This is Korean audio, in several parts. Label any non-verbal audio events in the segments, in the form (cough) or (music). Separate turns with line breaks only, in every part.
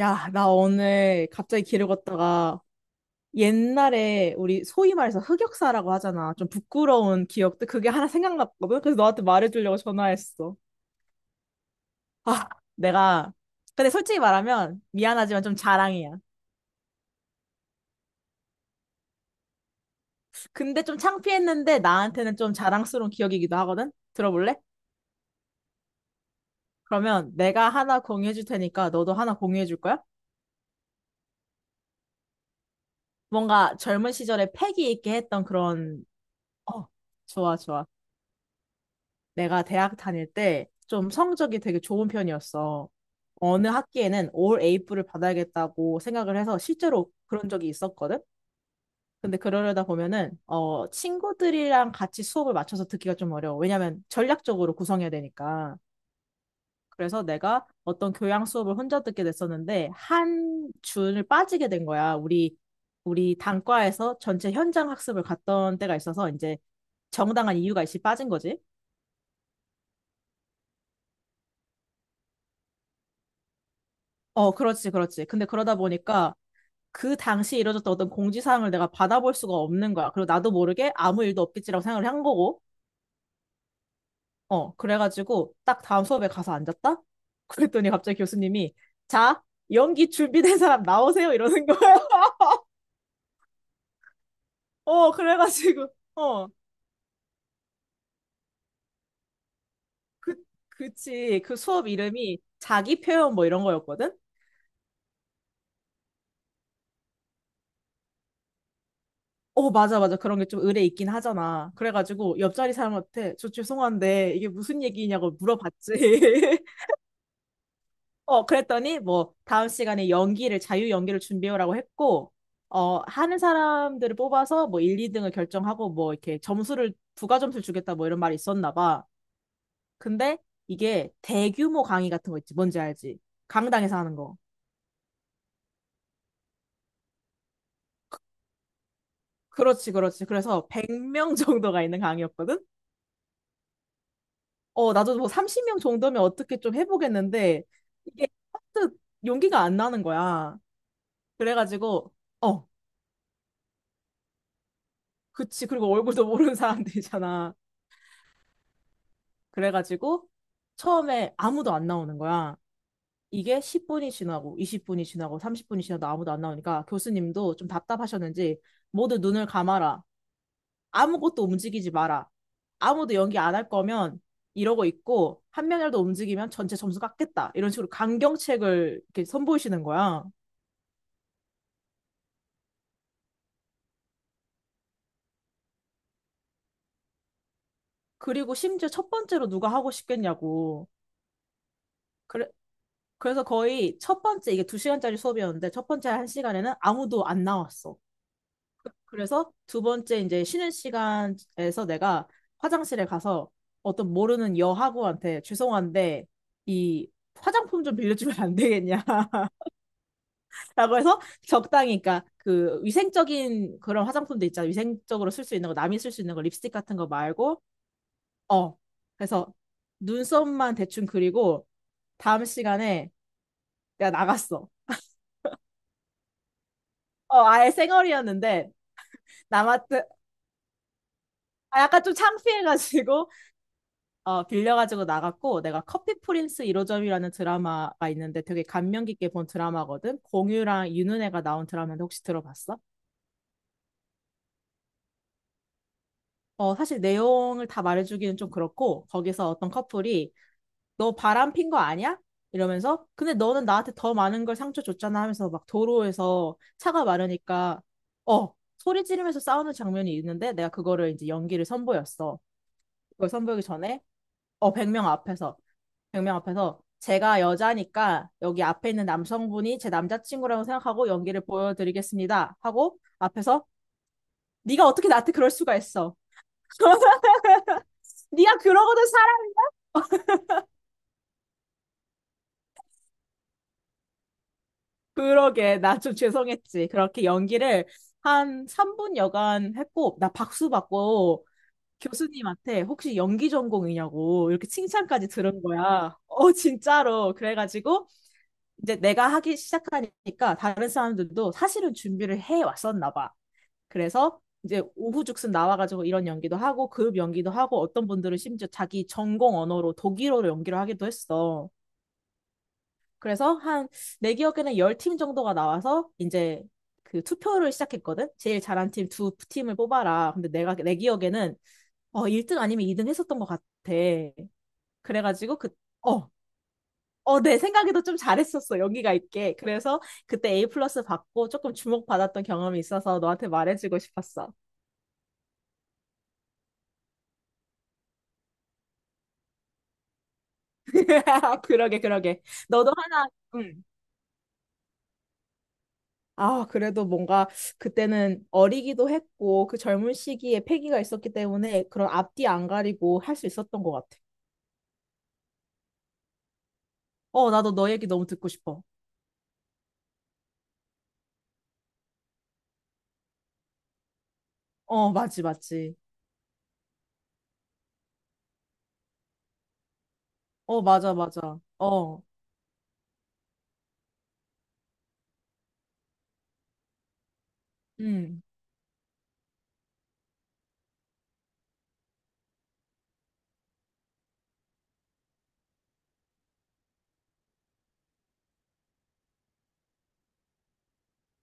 야, 나 오늘 갑자기 길을 걷다가 옛날에 우리 소위 말해서 흑역사라고 하잖아. 좀 부끄러운 기억들 그게 하나 생각났거든. 그래서 너한테 말해주려고 전화했어. 아, 내가 근데 솔직히 말하면 미안하지만 좀 자랑이야. 근데 좀 창피했는데 나한테는 좀 자랑스러운 기억이기도 하거든. 들어볼래? 그러면 내가 하나 공유해줄 테니까 너도 하나 공유해줄 거야? 뭔가 젊은 시절에 패기 있게 했던 그런 어, 좋아, 좋아. 내가 대학 다닐 때 좀 성적이 되게 좋은 편이었어. 어느 학기에는 올 A뿔을 받아야겠다고 생각을 해서 실제로 그런 적이 있었거든. 근데 그러려다 보면은 친구들이랑 같이 수업을 맞춰서 듣기가 좀 어려워. 왜냐면 전략적으로 구성해야 되니까. 그래서 내가 어떤 교양 수업을 혼자 듣게 됐었는데 한 준을 빠지게 된 거야. 우리 단과에서 전체 현장 학습을 갔던 때가 있어서 이제 정당한 이유가 있이 빠진 거지. 어, 그렇지, 그렇지. 근데 그러다 보니까 그 당시에 이뤄졌던 어떤 공지사항을 내가 받아볼 수가 없는 거야. 그리고 나도 모르게 아무 일도 없겠지라고 생각을 한 거고, 어, 그래가지고 딱 다음 수업에 가서 앉았다? (laughs) 그랬더니 갑자기 교수님이, 자, 연기 준비된 사람 나오세요. 이러는 거야. (laughs) 어, 그래가지고, 어, 그, 그치. 그 수업 이름이 자기 표현 뭐 이런 거였거든? 어, 맞아, 맞아. 그런 게 좀 의례 있긴 하잖아. 그래가지고 옆자리 사람한테 저 죄송한데 이게 무슨 얘기냐고 물어봤지. (laughs) 어, 그랬더니 뭐 다음 시간에 연기를 자유 연기를 준비해오라고 했고 어, 하는 사람들을 뽑아서 뭐 1, 2등을 결정하고 뭐 이렇게 점수를 부가 점수를 주겠다 뭐 이런 말이 있었나 봐. 근데 이게 대규모 강의 같은 거 있지. 뭔지 알지? 강당에서 하는 거. 그렇지, 그렇지. 그래서 100명 (laughs) 정도가 있는 강의였거든. 어, 나도 뭐 30명 정도면 어떻게 좀 해보겠는데 이게 하도 용기가 안 나는 거야. 그래가지고 어, 그치. 그리고 얼굴도 모르는 사람들이잖아. 그래가지고 처음에 아무도 안 나오는 거야. 이게 10분이 지나고 20분이 지나고 30분이 지나도 아무도 안 나오니까 교수님도 좀 답답하셨는지 모두 눈을 감아라. 아무것도 움직이지 마라. 아무도 연기 안 할 거면 이러고 있고 한 명이라도 움직이면 전체 점수 깎겠다. 이런 식으로 강경책을 이렇게 선보이시는 거야. 그리고 심지어 첫 번째로 누가 하고 싶겠냐고. 그래, 그래서 거의 첫 번째 이게 두시간짜리 수업이었는데 첫 번째 한 시간에는 아무도 안 나왔어. 그래서 두 번째 이제 쉬는 시간에서 내가 화장실에 가서 어떤 모르는 여하구한테 죄송한데 이 화장품 좀 빌려주면 안 되겠냐 (laughs) 라고 해서 적당히 그러니까 그 위생적인 그런 화장품도 있잖아 위생적으로 쓸 수 있는 거 남이 쓸 수 있는 거 립스틱 같은 거 말고 어 그래서 눈썹만 대충 그리고 다음 시간에 내가 나갔어. 아예 생얼이었는데 남았 아 약간 좀 창피해가지고 어, 빌려가지고 나갔고 내가 커피 프린스 1호점이라는 드라마가 있는데 되게 감명 깊게 본 드라마거든. 공유랑 윤은혜가 나온 드라마인데 혹시 들어봤어? 어, 사실 내용을 다 말해주기는 좀 그렇고 거기서 어떤 커플이 너 바람 핀 거 아니야? 이러면서 근데 너는 나한테 더 많은 걸 상처 줬잖아 하면서 막 도로에서 차가 많으니까 어 소리 지르면서 싸우는 장면이 있는데 내가 그거를 이제 연기를 선보였어. 그걸 선보이기 전에 어, 100명 앞에서. 100명 앞에서 제가 여자니까 여기 앞에 있는 남성분이 제 남자친구라고 생각하고 연기를 보여드리겠습니다. 하고 앞에서 네가 어떻게 나한테 그럴 수가 있어. (laughs) 네가 그러거든 사람. 그러게 나 좀 죄송했지. 그렇게 연기를 한 3분 여간 했고 나 박수 받고 교수님한테 혹시 연기 전공이냐고 이렇게 칭찬까지 들은 거야. 진짜로. 그래가지고 이제 내가 하기 시작하니까 다른 사람들도 사실은 준비를 해 왔었나 봐. 그래서 이제 오후죽순 나와가지고 이런 연기도 하고 그룹 연기도 하고 어떤 분들은 심지어 자기 전공 언어로 독일어로 연기를 하기도 했어. 그래서 한 내 기억에는 10팀 정도가 나와서 이제 그 투표를 시작했거든. 제일 잘한 팀 두 팀을 뽑아라. 근데 내가 내 기억에는 1등 아니면 2등 했었던 것 같아. 그래가지고 그어 어, 내 생각에도 좀 잘했었어. 여기가 있게. 그래서 그때 A 플러스 받고 조금 주목받았던 경험이 있어서 너한테 말해주고 싶었어. (laughs) 그러게, 그러게. 너도 하나, 응. 아, 그래도 뭔가 그때는 어리기도 했고 그 젊은 시기에 패기가 있었기 때문에 그런 앞뒤 안 가리고 할 수 있었던 것 같아. 어, 나도 너 얘기 너무 듣고 싶어. 어, 맞지, 맞지. 어, 맞아, 맞아. 어, 음.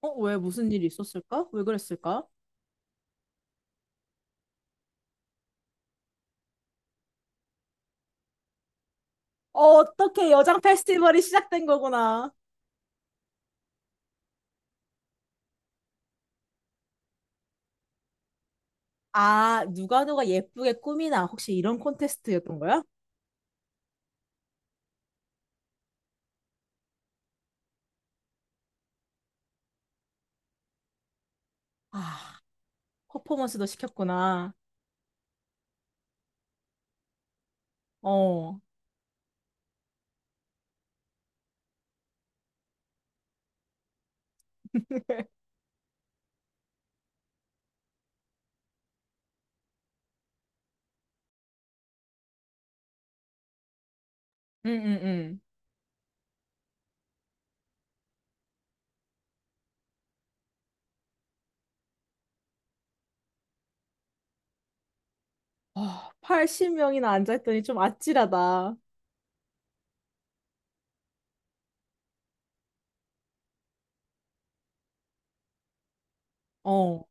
어, 왜 무슨 일이 있었을까? 왜 그랬을까? 어, 어떻게 여장 페스티벌이 시작된 거구나. 아, 누가 누가 예쁘게 꾸미나. 혹시 이런 콘테스트였던 거야? 아, 퍼포먼스도 시켰구나. 어, (laughs) 응, 응, 응. 어, 80명이나 앉아있더니 좀 아찔하다. 어.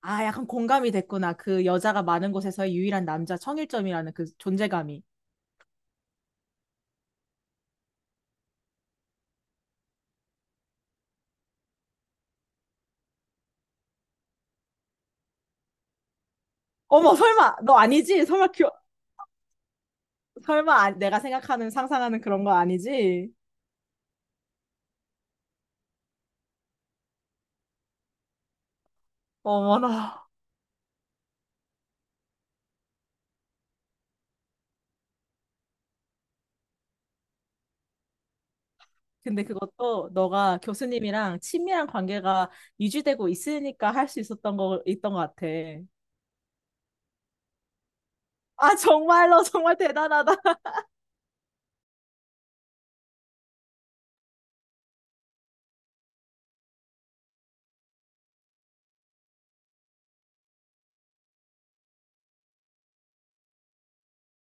아, 약간 공감이 됐구나. 그 여자가 많은 곳에서의 유일한 남자 청일점이라는 그 존재감이. 어머, 설마, 너 아니지? 설마, 교, 설마, 아- 내가 생각하는, 상상하는 그런 거 아니지? 어머나. 근데 그것도 너가 교수님이랑 친밀한 관계가 유지되고 있으니까 할 수 있었던 거 있던 것 같아. 아 정말로 (laughs) 정말 대단하다.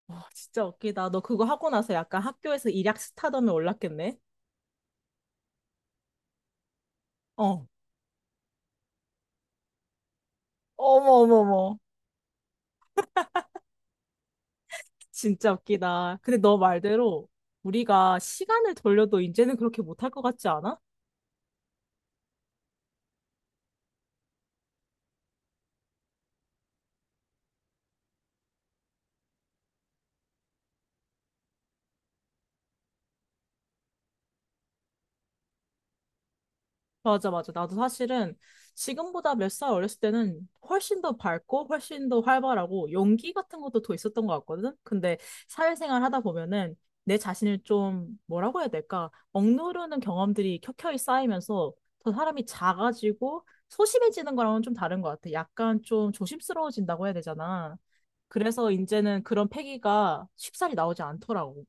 와, 진짜 웃기다. 너 그거 하고 나서 약간 학교에서 일약 스타덤에 올랐겠네? 어. 어머, 어머, 어머. 진짜 웃기다. 근데 너 말대로 우리가 시간을 돌려도 이제는 그렇게 못할 것 같지 않아? 맞아, 맞아. 나도 사실은 지금보다 몇 살 어렸을 때는 훨씬 더 밝고 훨씬 더 활발하고 용기 같은 것도 더 있었던 것 같거든. 근데 사회생활 하다 보면은 내 자신을 좀 뭐라고 해야 될까? 억누르는 경험들이 켜켜이 쌓이면서 더 사람이 작아지고 소심해지는 거랑은 좀 다른 것 같아. 약간 좀 조심스러워진다고 해야 되잖아. 그래서 이제는 그런 패기가 쉽사리 나오지 않더라고.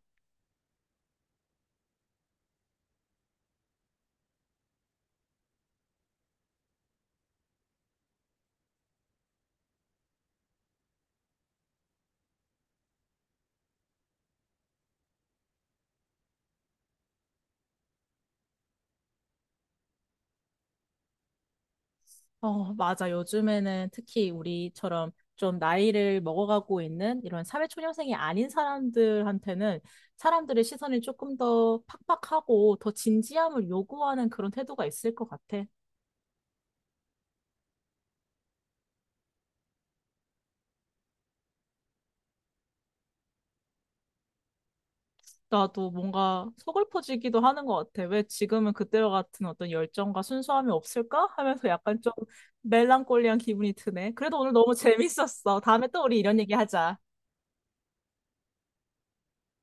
어, 맞아. 요즘에는 특히 우리처럼 좀 나이를 먹어가고 있는 이런 사회초년생이 아닌 사람들한테는 사람들의 시선이 조금 더 팍팍하고 더 진지함을 요구하는 그런 태도가 있을 것 같아. 나도 뭔가 서글퍼지기도 하는 것 같아. 왜 지금은 그때와 같은 어떤 열정과 순수함이 없을까? 하면서 약간 좀 멜랑콜리한 기분이 드네. 그래도 오늘 너무 (laughs) 재밌었어. 다음에 또 우리 이런 얘기 하자.